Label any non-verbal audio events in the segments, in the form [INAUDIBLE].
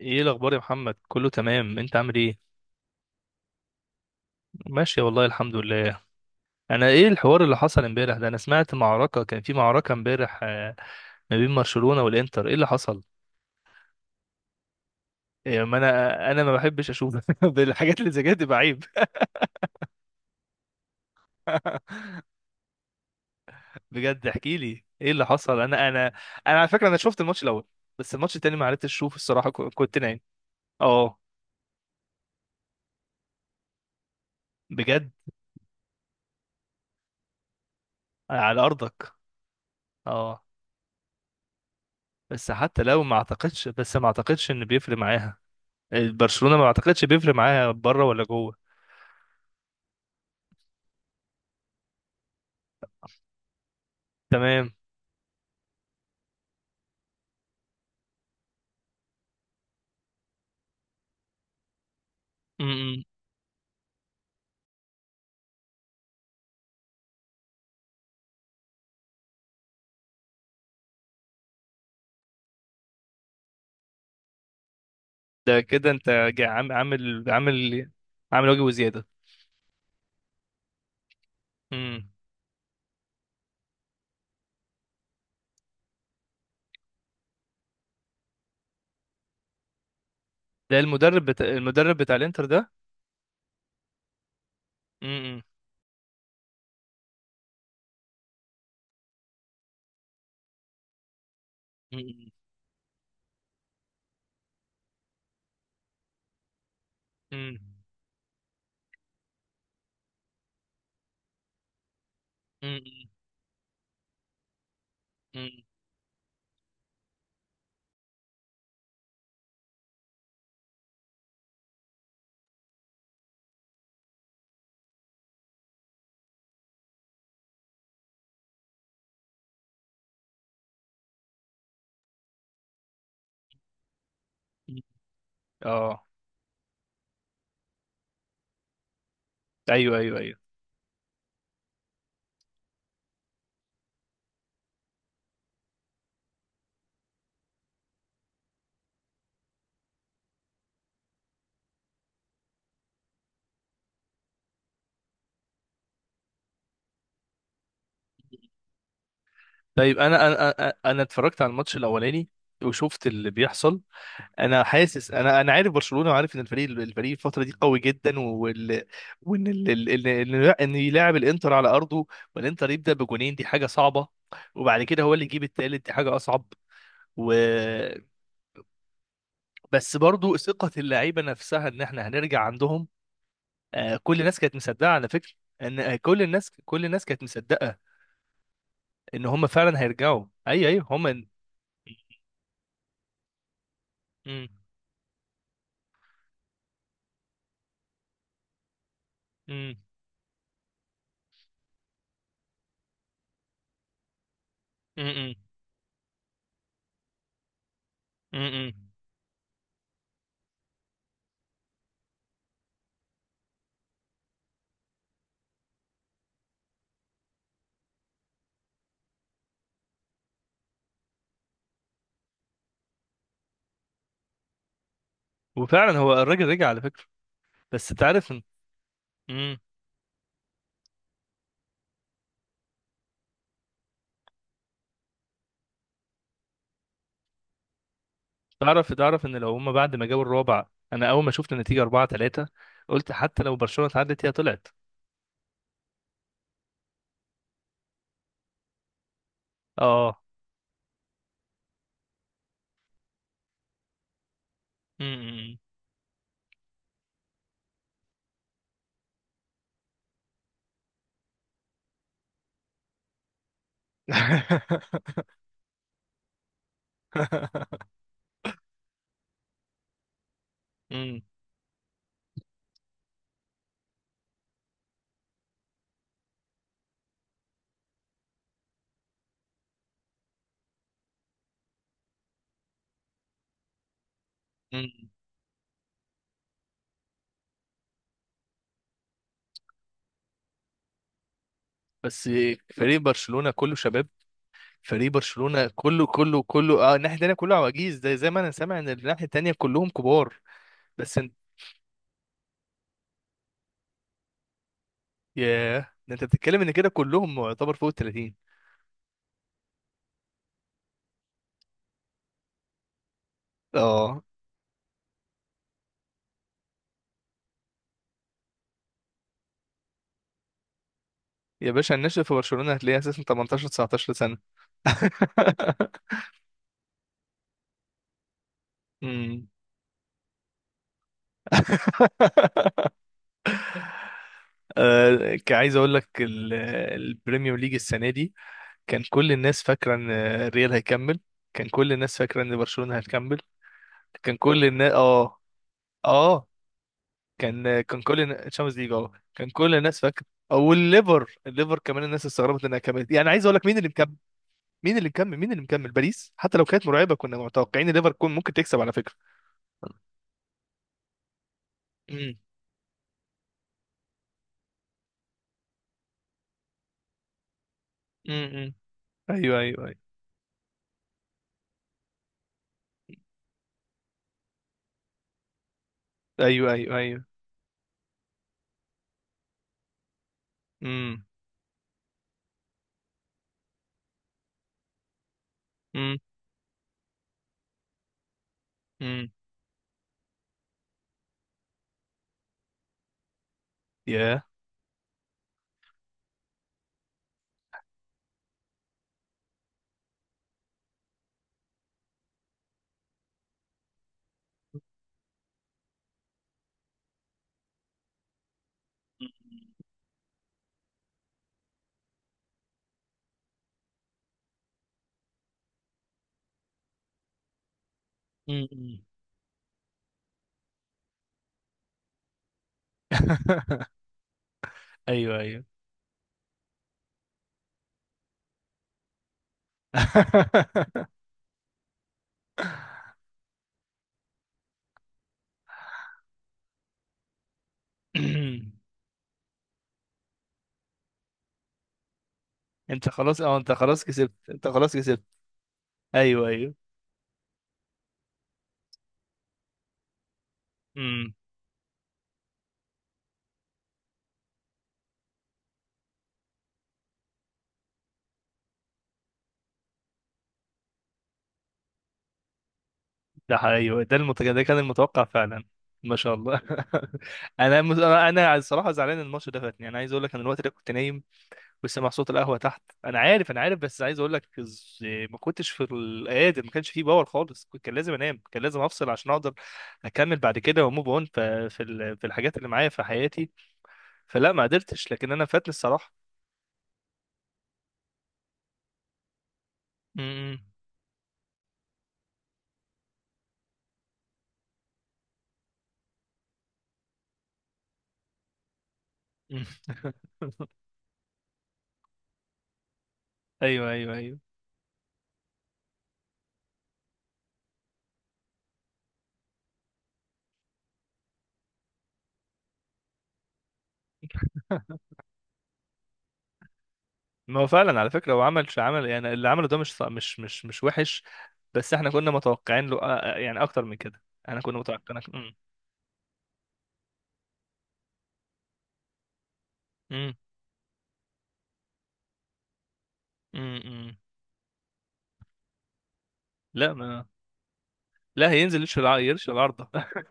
ايه الاخبار يا محمد، كله تمام؟ انت عامل ايه؟ ماشي والله الحمد لله. انا ايه الحوار اللي حصل امبارح ده؟ انا سمعت معركة، كان في معركة امبارح، ما بين برشلونة والانتر. ايه اللي حصل؟ إيه، ما انا ما بحبش اشوف [LAUGHS] بالحاجات اللي زي كده، تبقى عيب. [LAUGHS] بجد، احكي لي ايه اللي حصل؟ انا انا على فكرة انا شفت الماتش الاول، بس الماتش التاني ما عرفتش اشوف الصراحة، كنت نايم. اه. بجد. على ارضك. اه. بس حتى لو ما اعتقدش، بس ما اعتقدش ان بيفرق معاها. برشلونة ما اعتقدش بيفرق معاها بره ولا جوه. تمام. امم. ده كده انت عامل عامل واجب وزيادة. امم. ده المدرب بتاع الانتر ده. امم. اه. ايوه، ايوه، ايوه. طيب، انا انا انا أنا اتفرجت على الماتش الاولاني وشفت اللي بيحصل. انا حاسس، انا عارف برشلونه وعارف ان الفريق الفتره دي قوي جدا، وان ال... ال... ال- ان يلاعب الانتر على ارضه والانتر يبدا بجونين، دي حاجه صعبه. وبعد كده هو اللي يجيب التالت، دي حاجه اصعب. و... بس برضو ثقه اللعيبه نفسها ان احنا هنرجع عندهم. كل الناس كانت مصدقه على فكره ان كل الناس كانت مصدقه ان هم فعلا هيرجعوا. ايوه، ايوه. هم م- م- م- م- م- م- وفعلا هو الراجل رجع على فكره. بس انت عارف إمم، تعرف ان لو هما بعد ما جابوا الرابع، انا اول ما شفت النتيجه 4-3 قلت حتى لو برشلونه اتعدت هي طلعت. اه. امم. [LAUGHS] امم. امم. بس فريق برشلونه كله شباب. فريق برشلونه كله الناحيه التانيه كله عواجيز، زي ما انا سامع ان الناحيه التانيه كلهم كبار. بس انت، ياه، ده انت بتتكلم ان كده كلهم يعتبر فوق ال 30. اه. يا باشا، الناشئ في برشلونه هتلاقيه اساسا 18 19 سنه. [LAUGHS] امم. عايز اقول لك البريميوم ليج السنه دي كان كل الناس فاكره ان الريال هيكمل. كان كل الناس فاكره ان برشلونه هتكمل. كان كل الناس، اه، اه كان الشامبيونز ليج، كان كل الناس فاكره. او الليفر، الليفر كمان الناس استغربت انها كملت. يعني عايز اقول لك مين اللي مكمل؟ مين اللي مكمل؟ مين اللي مكمل؟ باريس حتى لو كانت مرعبه، كنا متوقعين الليفر كون ممكن تكسب على فكره. امم. امم. أمم. ايوه، ايوه، ايوه. ايوه، ايوه، ايوه. امم. امم. امم. ياه. م- م. [LAUGHS] ايوه، ايوه. [CLEARS THROAT] [LAUGHS] انت خلاص، اه، انت خلاص كسبت. انت خلاص كسبت. ايوه، ايوه. امم. ده ايوه، ده كان المتوقع فعلا. ما شاء الله. [LAUGHS] انا مز... انا أنا الصراحه زعلان ان الماتش ده فاتني. انا عايز اقول لك انا الوقت ده كنت نايم وسامع صوت القهوه تحت. انا عارف، انا عارف بس عايز اقول لك، ما كنتش في القادر، ما كانش فيه باور خالص. كان لازم انام. كان لازم افصل عشان اقدر اكمل بعد كده وموف اون في في الحاجات اللي معايا في حياتي. فلا ما قدرتش، لكن انا فاتني الصراحه. امم. [LAUGHS] ايوه، ايوه، ايوه. ما هو فعلا على فكره هو عمل، يعني اللي عمله ده مش مش وحش. بس احنا كنا متوقعين له يعني اكتر من كده. احنا كنا متوقعين. امم. امم. امم. لا ما لا، هينزل يرش العارضه. [LAUGHS]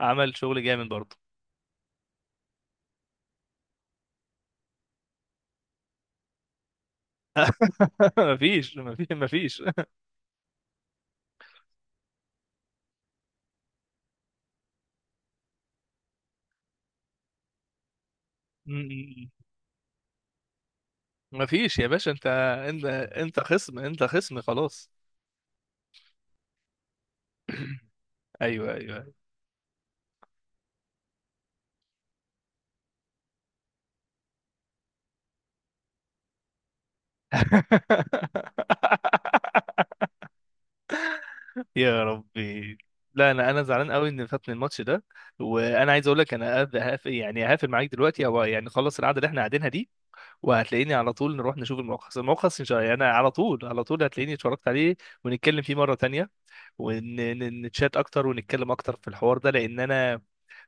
عمل شغل جامد برضه. [LAUGHS] مفيش، مفيش، مفيش. [LAUGHS] مم. مفيش يا باشا. انت انت خصم، انت خصم خلاص. ايوه، ايوه. [LAUGHS] يا ربي. لا، انا زعلان قوي ان فاتني الماتش ده. وانا عايز اقول لك انا يعني هقفل معاك دلوقتي، او يعني خلص القعده اللي احنا قاعدينها دي. وهتلاقيني على طول نروح نشوف الملخص. الملخص ان شاء الله يعني على طول على طول هتلاقيني اتفرجت عليه ونتكلم فيه مره تانية. ونتشات اكتر ونتكلم اكتر في الحوار ده، لان انا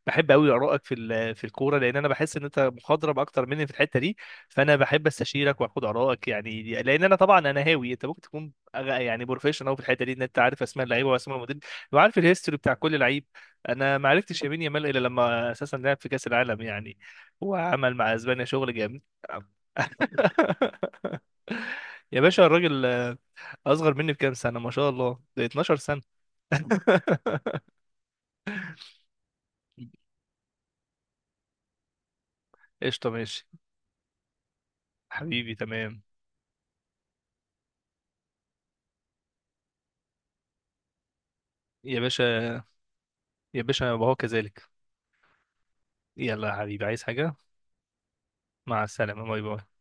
بحب قوي ارائك في الكوره، لان انا بحس ان انت مخضرم اكتر مني في الحته دي. فانا بحب استشيرك واخد ارائك، يعني لان انا طبعا انا هاوي. انت ممكن تكون يعني بروفيشنال أوي في الحته دي، ان انت عارف اسماء اللعيبه واسماء المدرب وعارف الهيستوري بتاع كل لعيب. انا ما عرفتش يمين يامال الا لما اساسا لعب في كاس العالم يعني وعمل مع اسبانيا شغل جامد. [LAUGHS] يا باشا الراجل اصغر مني بكام سنه، ما شاء الله، ده 12 سنه. [LAUGHS] قشطه، ماشي. حبيبي، تمام. يا باشا. يا باشا، وهو كذلك. يلا يا حبيبي، عايز حاجة؟ مع السلامة، باي باي.